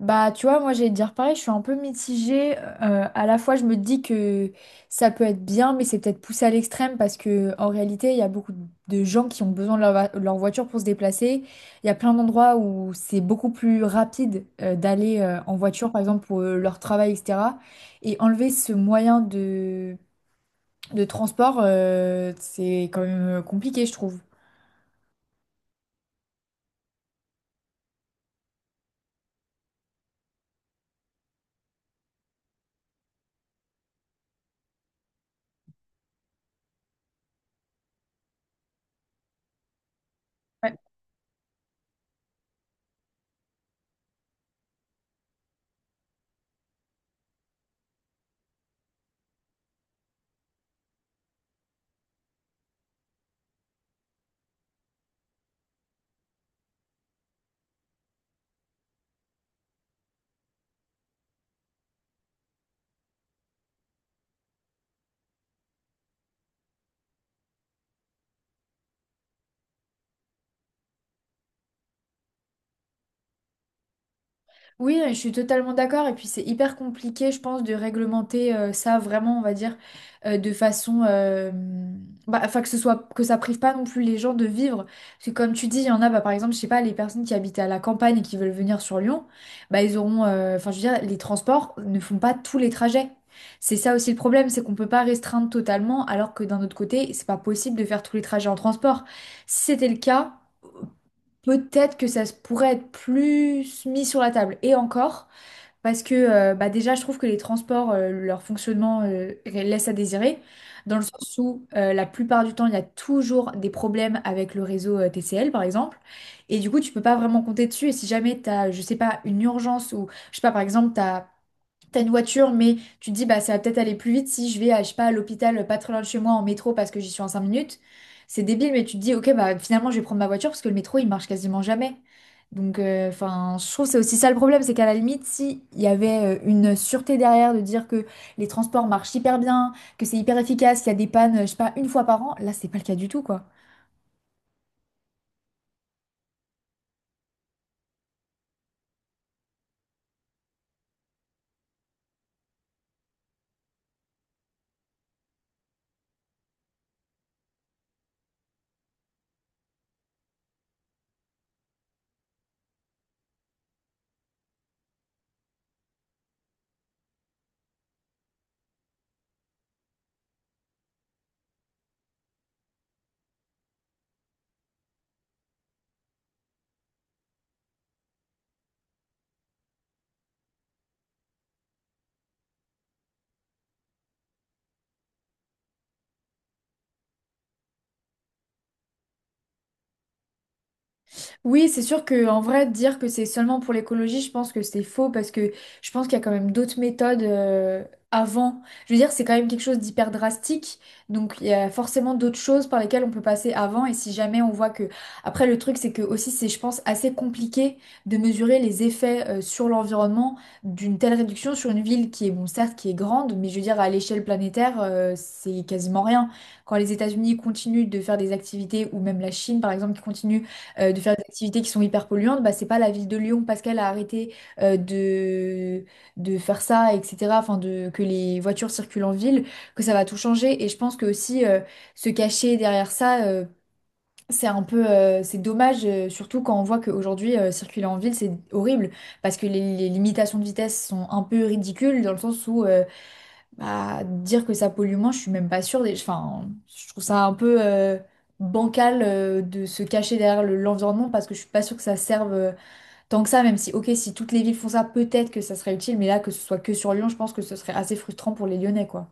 Bah, tu vois, moi, j'allais te dire pareil, je suis un peu mitigée. À la fois, je me dis que ça peut être bien, mais c'est peut-être poussé à l'extrême parce que en réalité, il y a beaucoup de gens qui ont besoin de leur voiture pour se déplacer. Il y a plein d'endroits où c'est beaucoup plus rapide d'aller en voiture, par exemple, pour leur travail, etc. Et enlever ce moyen de transport, c'est quand même compliqué, je trouve. Oui, je suis totalement d'accord. Et puis c'est hyper compliqué, je pense, de réglementer ça vraiment, on va dire, euh, de façon, euh, enfin que ce soit que ça prive pas non plus les gens de vivre. Parce que comme tu dis, il y en a, bah, par exemple, je sais pas, les personnes qui habitent à la campagne et qui veulent venir sur Lyon, bah ils auront, enfin je veux dire, les transports ne font pas tous les trajets. C'est ça aussi le problème, c'est qu'on peut pas restreindre totalement, alors que d'un autre côté, c'est pas possible de faire tous les trajets en transport. Si c'était le cas peut-être que ça se pourrait être plus mis sur la table. Et encore, parce que bah déjà, je trouve que les transports, leur fonctionnement laisse à désirer, dans le sens où la plupart du temps, il y a toujours des problèmes avec le réseau TCL, par exemple. Et du coup, tu peux pas vraiment compter dessus. Et si jamais tu as, je sais pas, une urgence ou, je sais pas, par exemple, tu as T'as une voiture, mais tu te dis, bah, ça va peut-être aller plus vite si je vais, à, je sais pas, à l'hôpital pas très loin de chez moi en métro parce que j'y suis en 5 minutes. C'est débile, mais tu te dis, ok, bah, finalement, je vais prendre ma voiture parce que le métro, il marche quasiment jamais. Donc, enfin, je trouve que c'est aussi ça le problème, c'est qu'à la limite, si il y avait une sûreté derrière de dire que les transports marchent hyper bien, que c'est hyper efficace, qu'il y a des pannes, je sais pas, 1 fois par an, là, c'est pas le cas du tout, quoi. Oui, c'est sûr que en vrai, dire que c'est seulement pour l'écologie, je pense que c'est faux parce que je pense qu'il y a quand même d'autres méthodes avant. Je veux dire, c'est quand même quelque chose d'hyper drastique, donc il y a forcément d'autres choses par lesquelles on peut passer avant. Et si jamais on voit que, après, le truc, c'est que aussi, c'est, je pense, assez compliqué de mesurer les effets sur l'environnement d'une telle réduction sur une ville qui est, bon, certes, qui est grande, mais je veux dire, à l'échelle planétaire, c'est quasiment rien. Quand les États-Unis continuent de faire des activités, ou même la Chine, par exemple, qui continue de faire des activités qui sont hyper polluantes, bah, c'est pas la ville de Lyon parce qu'elle a arrêté euh, de, de faire ça, etc. Enfin, de, que les voitures circulent en ville, que ça va tout changer. Et je pense que aussi se cacher derrière ça, c'est un peu, c'est dommage, surtout quand on voit qu'aujourd'hui, circuler en ville, c'est horrible parce que les limitations de vitesse sont un peu ridicules dans le sens où bah, dire que ça pollue moins, je suis même pas sûre. Enfin, je trouve ça un peu bancal de se cacher derrière l'environnement parce que je suis pas sûre que ça serve tant que ça, même si, ok, si toutes les villes font ça, peut-être que ça serait utile, mais là, que ce soit que sur Lyon, je pense que ce serait assez frustrant pour les Lyonnais, quoi.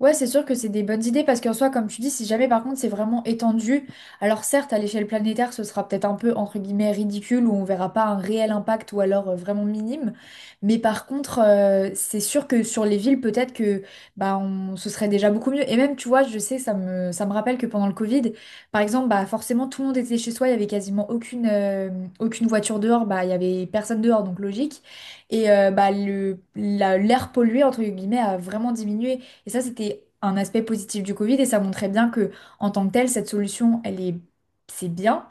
Ouais, c'est sûr que c'est des bonnes idées parce qu'en soi, comme tu dis, si jamais par contre c'est vraiment étendu, alors certes à l'échelle planétaire ce sera peut-être un peu entre guillemets ridicule où on verra pas un réel impact ou alors vraiment minime, mais par contre c'est sûr que sur les villes peut-être que bah on, ce serait déjà beaucoup mieux et même tu vois je sais ça me rappelle que pendant le Covid par exemple bah forcément tout le monde était chez soi il y avait quasiment aucune aucune voiture dehors bah il y avait personne dehors donc logique et bah le l'air pollué entre guillemets a vraiment diminué et ça, c'était un aspect positif du Covid et ça montrait bien que, en tant que telle, cette solution, elle est, c'est bien,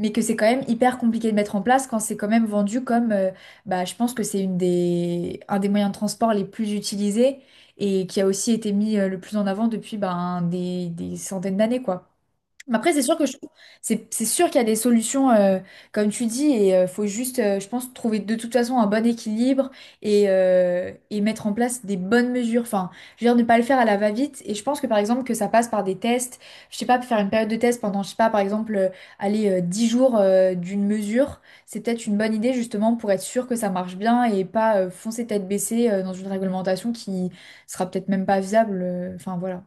mais que c'est quand même hyper compliqué de mettre en place quand c'est quand même vendu comme, bah, je pense que c'est une des, un des moyens de transport les plus utilisés et qui a aussi été mis le plus en avant depuis, ben, des centaines d'années, quoi. Mais après, c'est sûr que c'est sûr qu'il y a des solutions, comme tu dis, et faut juste, je pense, trouver de toute façon un bon équilibre et mettre en place des bonnes mesures. Enfin, je veux dire, ne pas le faire à la va-vite. Et je pense que, par exemple, que ça passe par des tests. Je sais pas, faire une période de test pendant, je sais pas, par exemple, aller 10 jours d'une mesure, c'est peut-être une bonne idée, justement, pour être sûr que ça marche bien et pas foncer tête baissée dans une réglementation qui sera peut-être même pas viable. Enfin, voilà.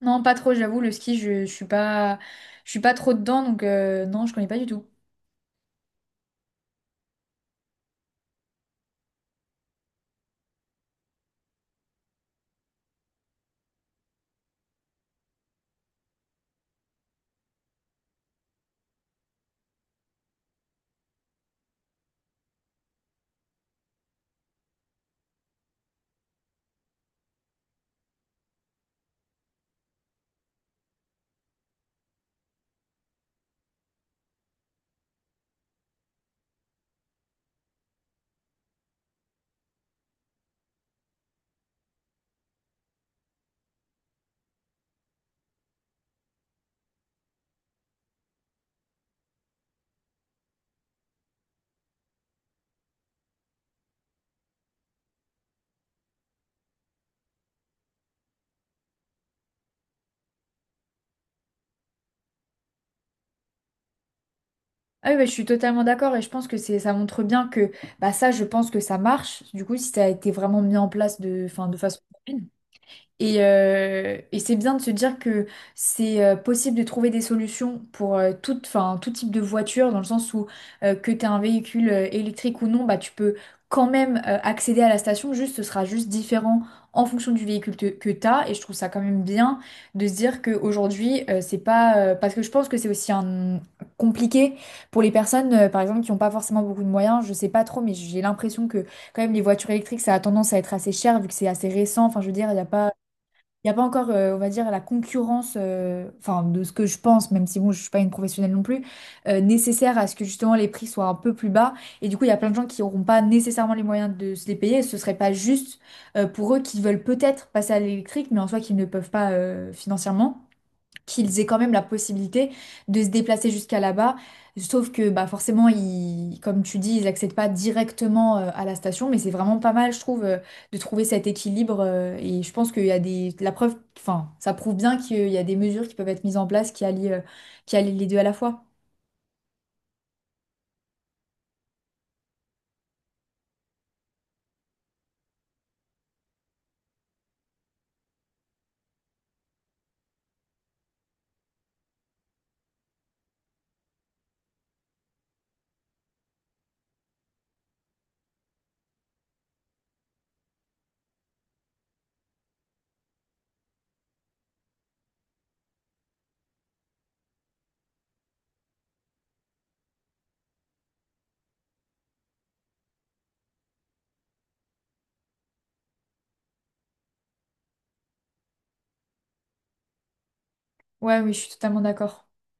Non, pas trop, j'avoue, le ski, je suis pas trop dedans, donc non, je connais pas du tout. Ah oui, bah, je suis totalement d'accord et je pense que c'est, ça montre bien que bah, ça, je pense que ça marche. Du coup, si ça a été vraiment mis en place de, enfin, de façon. Et c'est bien de se dire que c'est possible de trouver des solutions pour toute, enfin, tout type de voiture, dans le sens où que tu un véhicule électrique ou non, bah, tu peux quand même accéder à la station, juste ce sera juste différent en fonction du que tu as. Et je trouve ça quand même bien de se dire qu'aujourd'hui, c'est pas... parce que je pense que c'est aussi un... compliqué pour les personnes, par exemple, qui n'ont pas forcément beaucoup de moyens. Je sais pas trop, mais j'ai l'impression que quand même les voitures électriques, ça a tendance à être assez cher vu que c'est assez récent. Enfin, je veux dire, il n'y a pas... Il n'y a pas encore, on va dire, la concurrence, enfin, de ce que je pense, même si bon, je suis pas une professionnelle non plus, nécessaire à ce que justement les prix soient un peu plus bas. Et du coup, il y a plein de gens qui n'auront pas nécessairement les moyens de se les payer. Ce serait pas juste pour eux qui veulent peut-être passer à l'électrique, mais en soi qui ne peuvent pas financièrement qu'ils aient quand même la possibilité de se déplacer jusqu'à là-bas. Sauf que bah forcément, ils, comme tu dis, ils n'accèdent pas directement à la station, mais c'est vraiment pas mal, je trouve, de trouver cet équilibre. Et je pense qu'il y a des... La preuve, enfin, ça prouve bien qu'il y a des mesures qui peuvent être mises en place qui allient les deux à la fois. Ouais, oui, je suis totalement d'accord.